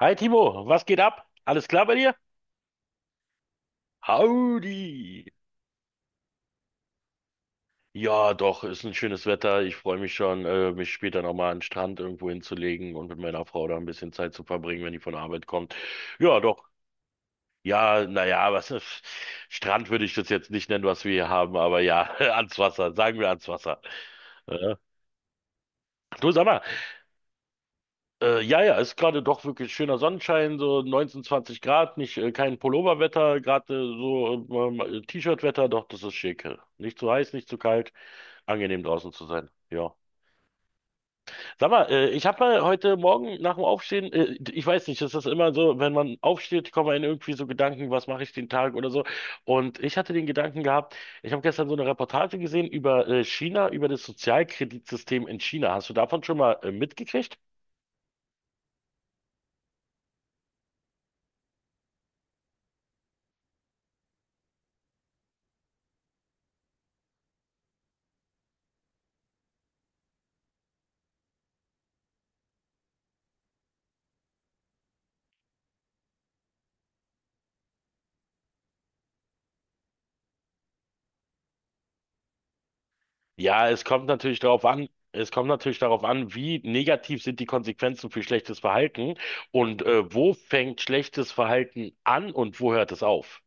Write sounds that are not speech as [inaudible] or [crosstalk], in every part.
Hi Timo, was geht ab? Alles klar bei dir? Howdy! Ja, doch, ist ein schönes Wetter. Ich freue mich schon, mich später nochmal an den Strand irgendwo hinzulegen und mit meiner Frau da ein bisschen Zeit zu verbringen, wenn die von der Arbeit kommt. Ja, doch. Ja, naja, was ist, Strand würde ich das jetzt nicht nennen, was wir hier haben, aber ja, [laughs] ans Wasser, sagen wir ans Wasser. Ja. Du, sag mal, ja, ja, ist gerade doch wirklich schöner Sonnenschein, so 19, 20 Grad, nicht kein Pulloverwetter, gerade T-Shirt-Wetter, doch, das ist schick. Nicht zu heiß, nicht zu kalt, angenehm draußen zu sein. Ja. Sag mal, ich habe mal heute Morgen nach dem Aufstehen, ich weiß nicht, ist das immer so, wenn man aufsteht, kommen einem irgendwie so Gedanken, was mache ich den Tag oder so. Und ich hatte den Gedanken gehabt, ich habe gestern so eine Reportage gesehen über China, über das Sozialkreditsystem in China. Hast du davon schon mal mitgekriegt? Ja, es kommt natürlich darauf an, wie negativ sind die Konsequenzen für schlechtes Verhalten und wo fängt schlechtes Verhalten an und wo hört es auf?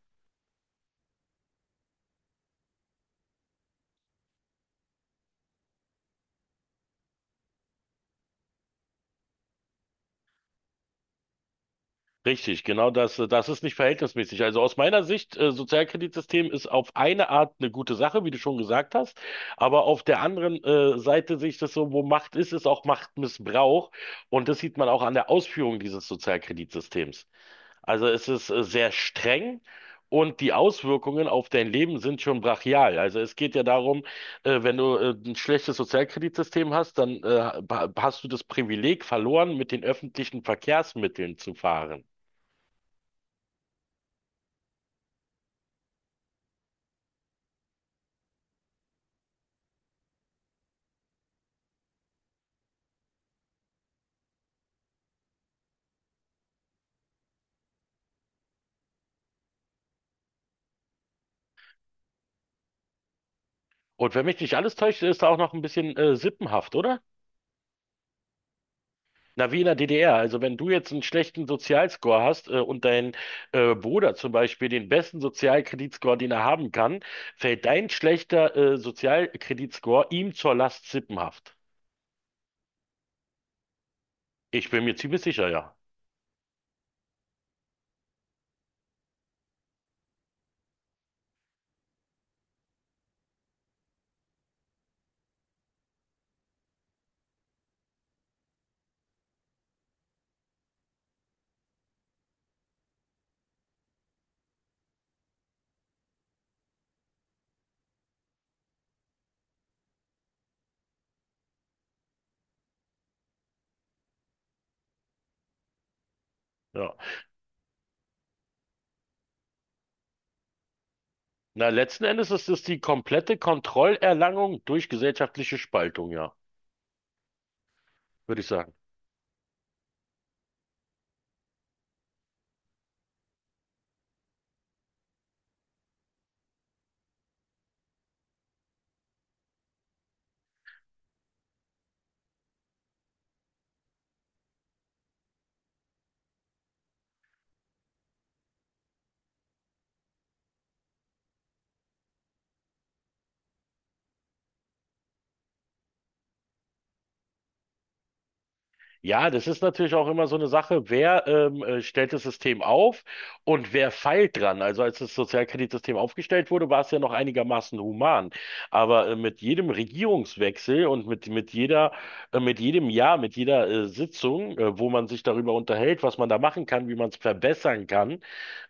Richtig, genau das, das ist nicht verhältnismäßig. Also aus meiner Sicht, Sozialkreditsystem ist auf eine Art eine gute Sache, wie du schon gesagt hast, aber auf der anderen Seite sehe ich das so: Wo Macht ist, ist auch Machtmissbrauch, und das sieht man auch an der Ausführung dieses Sozialkreditsystems. Also es ist sehr streng, und die Auswirkungen auf dein Leben sind schon brachial. Also es geht ja darum, wenn du ein schlechtes Sozialkreditsystem hast, dann hast du das Privileg verloren, mit den öffentlichen Verkehrsmitteln zu fahren. Und wenn mich nicht alles täuscht, ist da auch noch ein bisschen sippenhaft, oder? Na, wie in der DDR. Also wenn du jetzt einen schlechten Sozialscore hast und dein Bruder zum Beispiel den besten Sozialkreditscore, den er haben kann, fällt dein schlechter Sozialkreditscore ihm zur Last, sippenhaft. Ich bin mir ziemlich sicher, ja. Ja. Na, letzten Endes ist es die komplette Kontrollerlangung durch gesellschaftliche Spaltung, ja, würde ich sagen. Ja, das ist natürlich auch immer so eine Sache, wer stellt das System auf und wer feilt dran. Also als das Sozialkreditsystem aufgestellt wurde, war es ja noch einigermaßen human. Aber mit jedem Regierungswechsel und mit jeder, mit jedem Jahr, mit jeder Sitzung, wo man sich darüber unterhält, was man da machen kann, wie man es verbessern kann,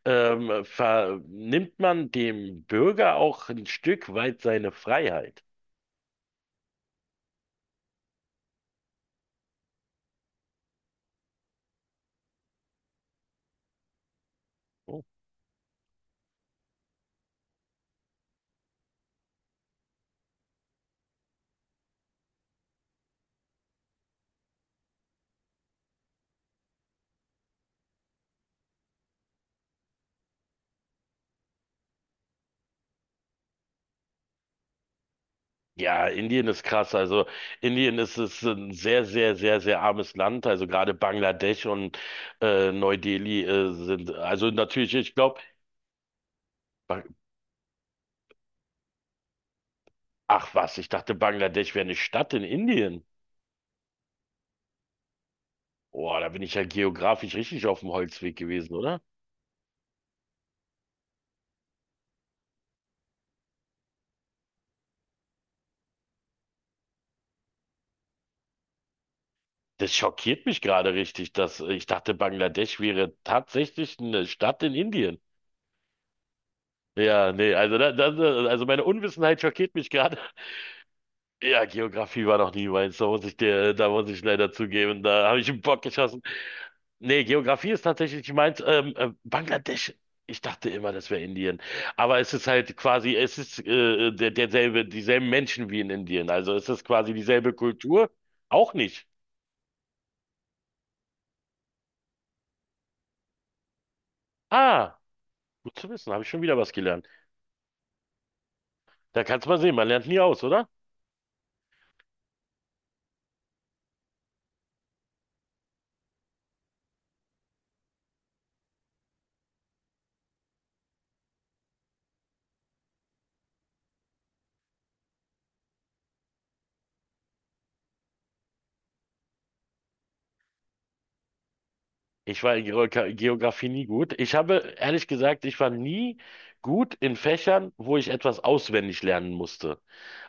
vernimmt man dem Bürger auch ein Stück weit seine Freiheit. Ja, Indien ist krass. Also Indien ist, ist ein sehr, sehr, sehr, sehr armes Land. Also gerade Bangladesch und Neu-Delhi sind, also natürlich, ich glaube, ach was, ich dachte, Bangladesch wäre eine Stadt in Indien. Boah, da bin ich ja geografisch richtig auf dem Holzweg gewesen, oder? Das schockiert mich gerade richtig, dass ich dachte, Bangladesch wäre tatsächlich eine Stadt in Indien. Ja, nee, also da, das, also meine Unwissenheit schockiert mich gerade. Ja, Geografie war noch nie meins, da muss ich leider zugeben, da habe ich einen Bock geschossen. Nee, Geografie ist tatsächlich nicht meins. Bangladesch, ich dachte immer, das wäre Indien. Aber es ist halt quasi, es ist derselbe, dieselben Menschen wie in Indien. Also es ist quasi dieselbe Kultur. Auch nicht. Ah, gut zu wissen, habe ich schon wieder was gelernt. Da kannst du mal sehen, man lernt nie aus, oder? Ich war in Geografie nie gut. Ich habe, ehrlich gesagt, ich war nie gut in Fächern, wo ich etwas auswendig lernen musste.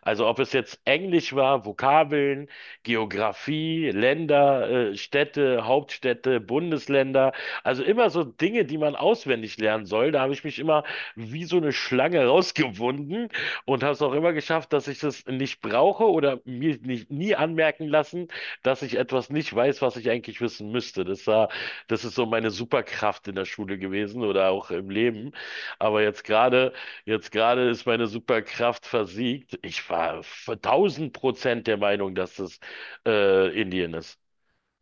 Also ob es jetzt Englisch war, Vokabeln, Geografie, Länder, Städte, Hauptstädte, Bundesländer. Also immer so Dinge, die man auswendig lernen soll. Da habe ich mich immer wie so eine Schlange [laughs] rausgewunden und habe es auch immer geschafft, dass ich das nicht brauche oder mir nicht, nie anmerken lassen, dass ich etwas nicht weiß, was ich eigentlich wissen müsste. Das ist so meine Superkraft in der Schule gewesen oder auch im Leben. Aber jetzt gerade ist meine Superkraft versiegt. Ich war 1000% der Meinung, dass das Indien ist.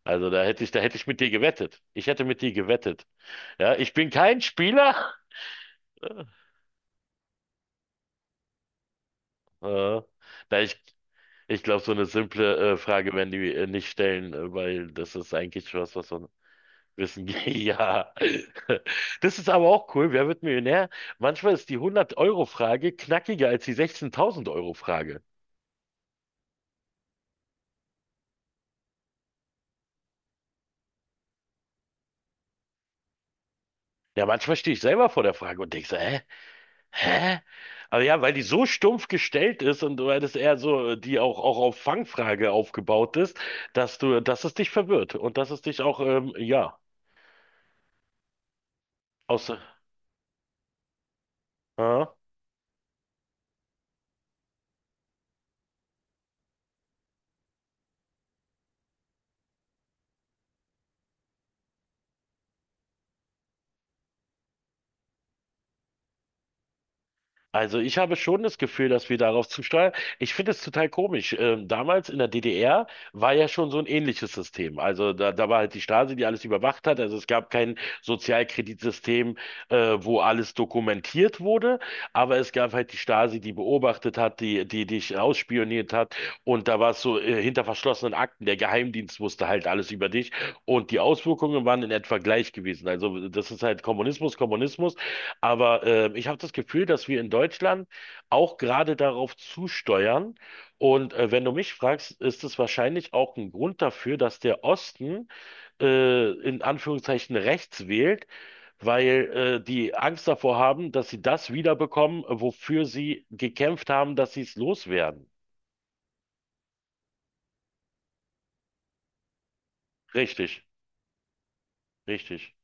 Also da hätte ich mit dir gewettet. Ich hätte mit dir gewettet. Ja, ich bin kein Spieler. [laughs] Äh, na, ich glaube, so eine simple Frage werden die nicht stellen, weil das ist eigentlich was, was so Wissen, [laughs] ja. Das ist aber auch cool. Wer wird Millionär? Manchmal ist die 100 Euro Frage knackiger als die 16.000 Euro Frage. Ja, manchmal stehe ich selber vor der Frage und denke so, hä? Hä? Aber ja, weil die so stumpf gestellt ist und weil das eher so, die auch, auch auf Fangfrage aufgebaut ist, dass du, dass es dich verwirrt und dass es dich auch, ja, aus, äh, Also ich habe schon das Gefühl, dass wir darauf zusteuern. Ich finde es total komisch. Damals in der DDR war ja schon so ein ähnliches System. Also da, da war halt die Stasi, die alles überwacht hat. Also es gab kein Sozialkreditsystem, äh, wo alles dokumentiert wurde, aber es gab halt die Stasi, die beobachtet hat, die, die dich ausspioniert hat. Und da war es so, hinter verschlossenen Akten. Der Geheimdienst wusste halt alles über dich. Und die Auswirkungen waren in etwa gleich gewesen. Also das ist halt Kommunismus, Kommunismus. Aber ich habe das Gefühl, dass wir in Deutschland auch gerade darauf zusteuern. Und wenn du mich fragst, ist es wahrscheinlich auch ein Grund dafür, dass der Osten in Anführungszeichen rechts wählt, weil die Angst davor haben, dass sie das wiederbekommen, wofür sie gekämpft haben, dass sie es loswerden. Richtig, richtig.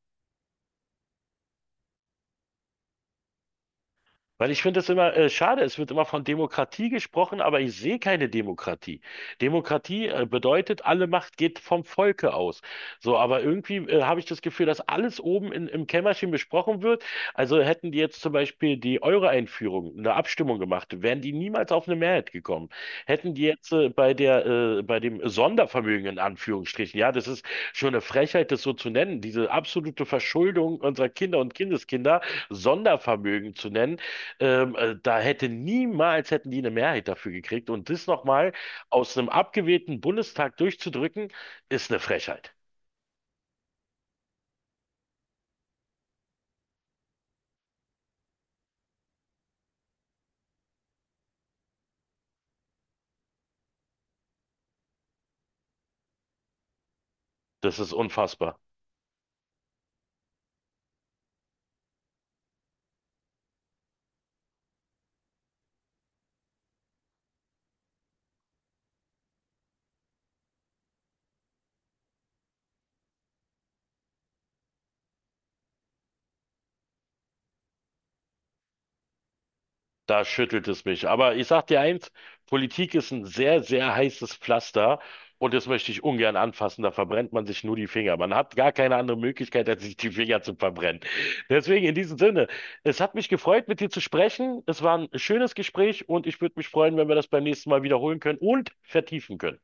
Weil ich finde es immer schade, es wird immer von Demokratie gesprochen, aber ich sehe keine Demokratie. Demokratie bedeutet, alle Macht geht vom Volke aus. So, aber irgendwie habe ich das Gefühl, dass alles oben in, im Kämmerchen besprochen wird. Also hätten die jetzt zum Beispiel die Euro-Einführung, eine Abstimmung gemacht, wären die niemals auf eine Mehrheit gekommen. Hätten die jetzt bei der, bei dem Sondervermögen in Anführungsstrichen, ja, das ist schon eine Frechheit, das so zu nennen, diese absolute Verschuldung unserer Kinder und Kindeskinder, Sondervermögen zu nennen, da hätte niemals hätten die eine Mehrheit dafür gekriegt. Und das nochmal aus einem abgewählten Bundestag durchzudrücken, ist eine Frechheit. Das ist unfassbar. Da schüttelt es mich. Aber ich sag dir eins, Politik ist ein sehr, sehr heißes Pflaster, und das möchte ich ungern anfassen. Da verbrennt man sich nur die Finger. Man hat gar keine andere Möglichkeit, als sich die Finger zu verbrennen. Deswegen in diesem Sinne, es hat mich gefreut, mit dir zu sprechen. Es war ein schönes Gespräch, und ich würde mich freuen, wenn wir das beim nächsten Mal wiederholen können und vertiefen können.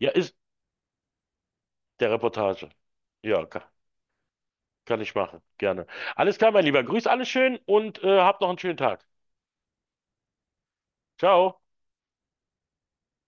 Ja, ist der Reportage. Ja, kann ich machen. Gerne. Alles klar, mein Lieber. Grüß alle schön und habt noch einen schönen Tag. Ciao.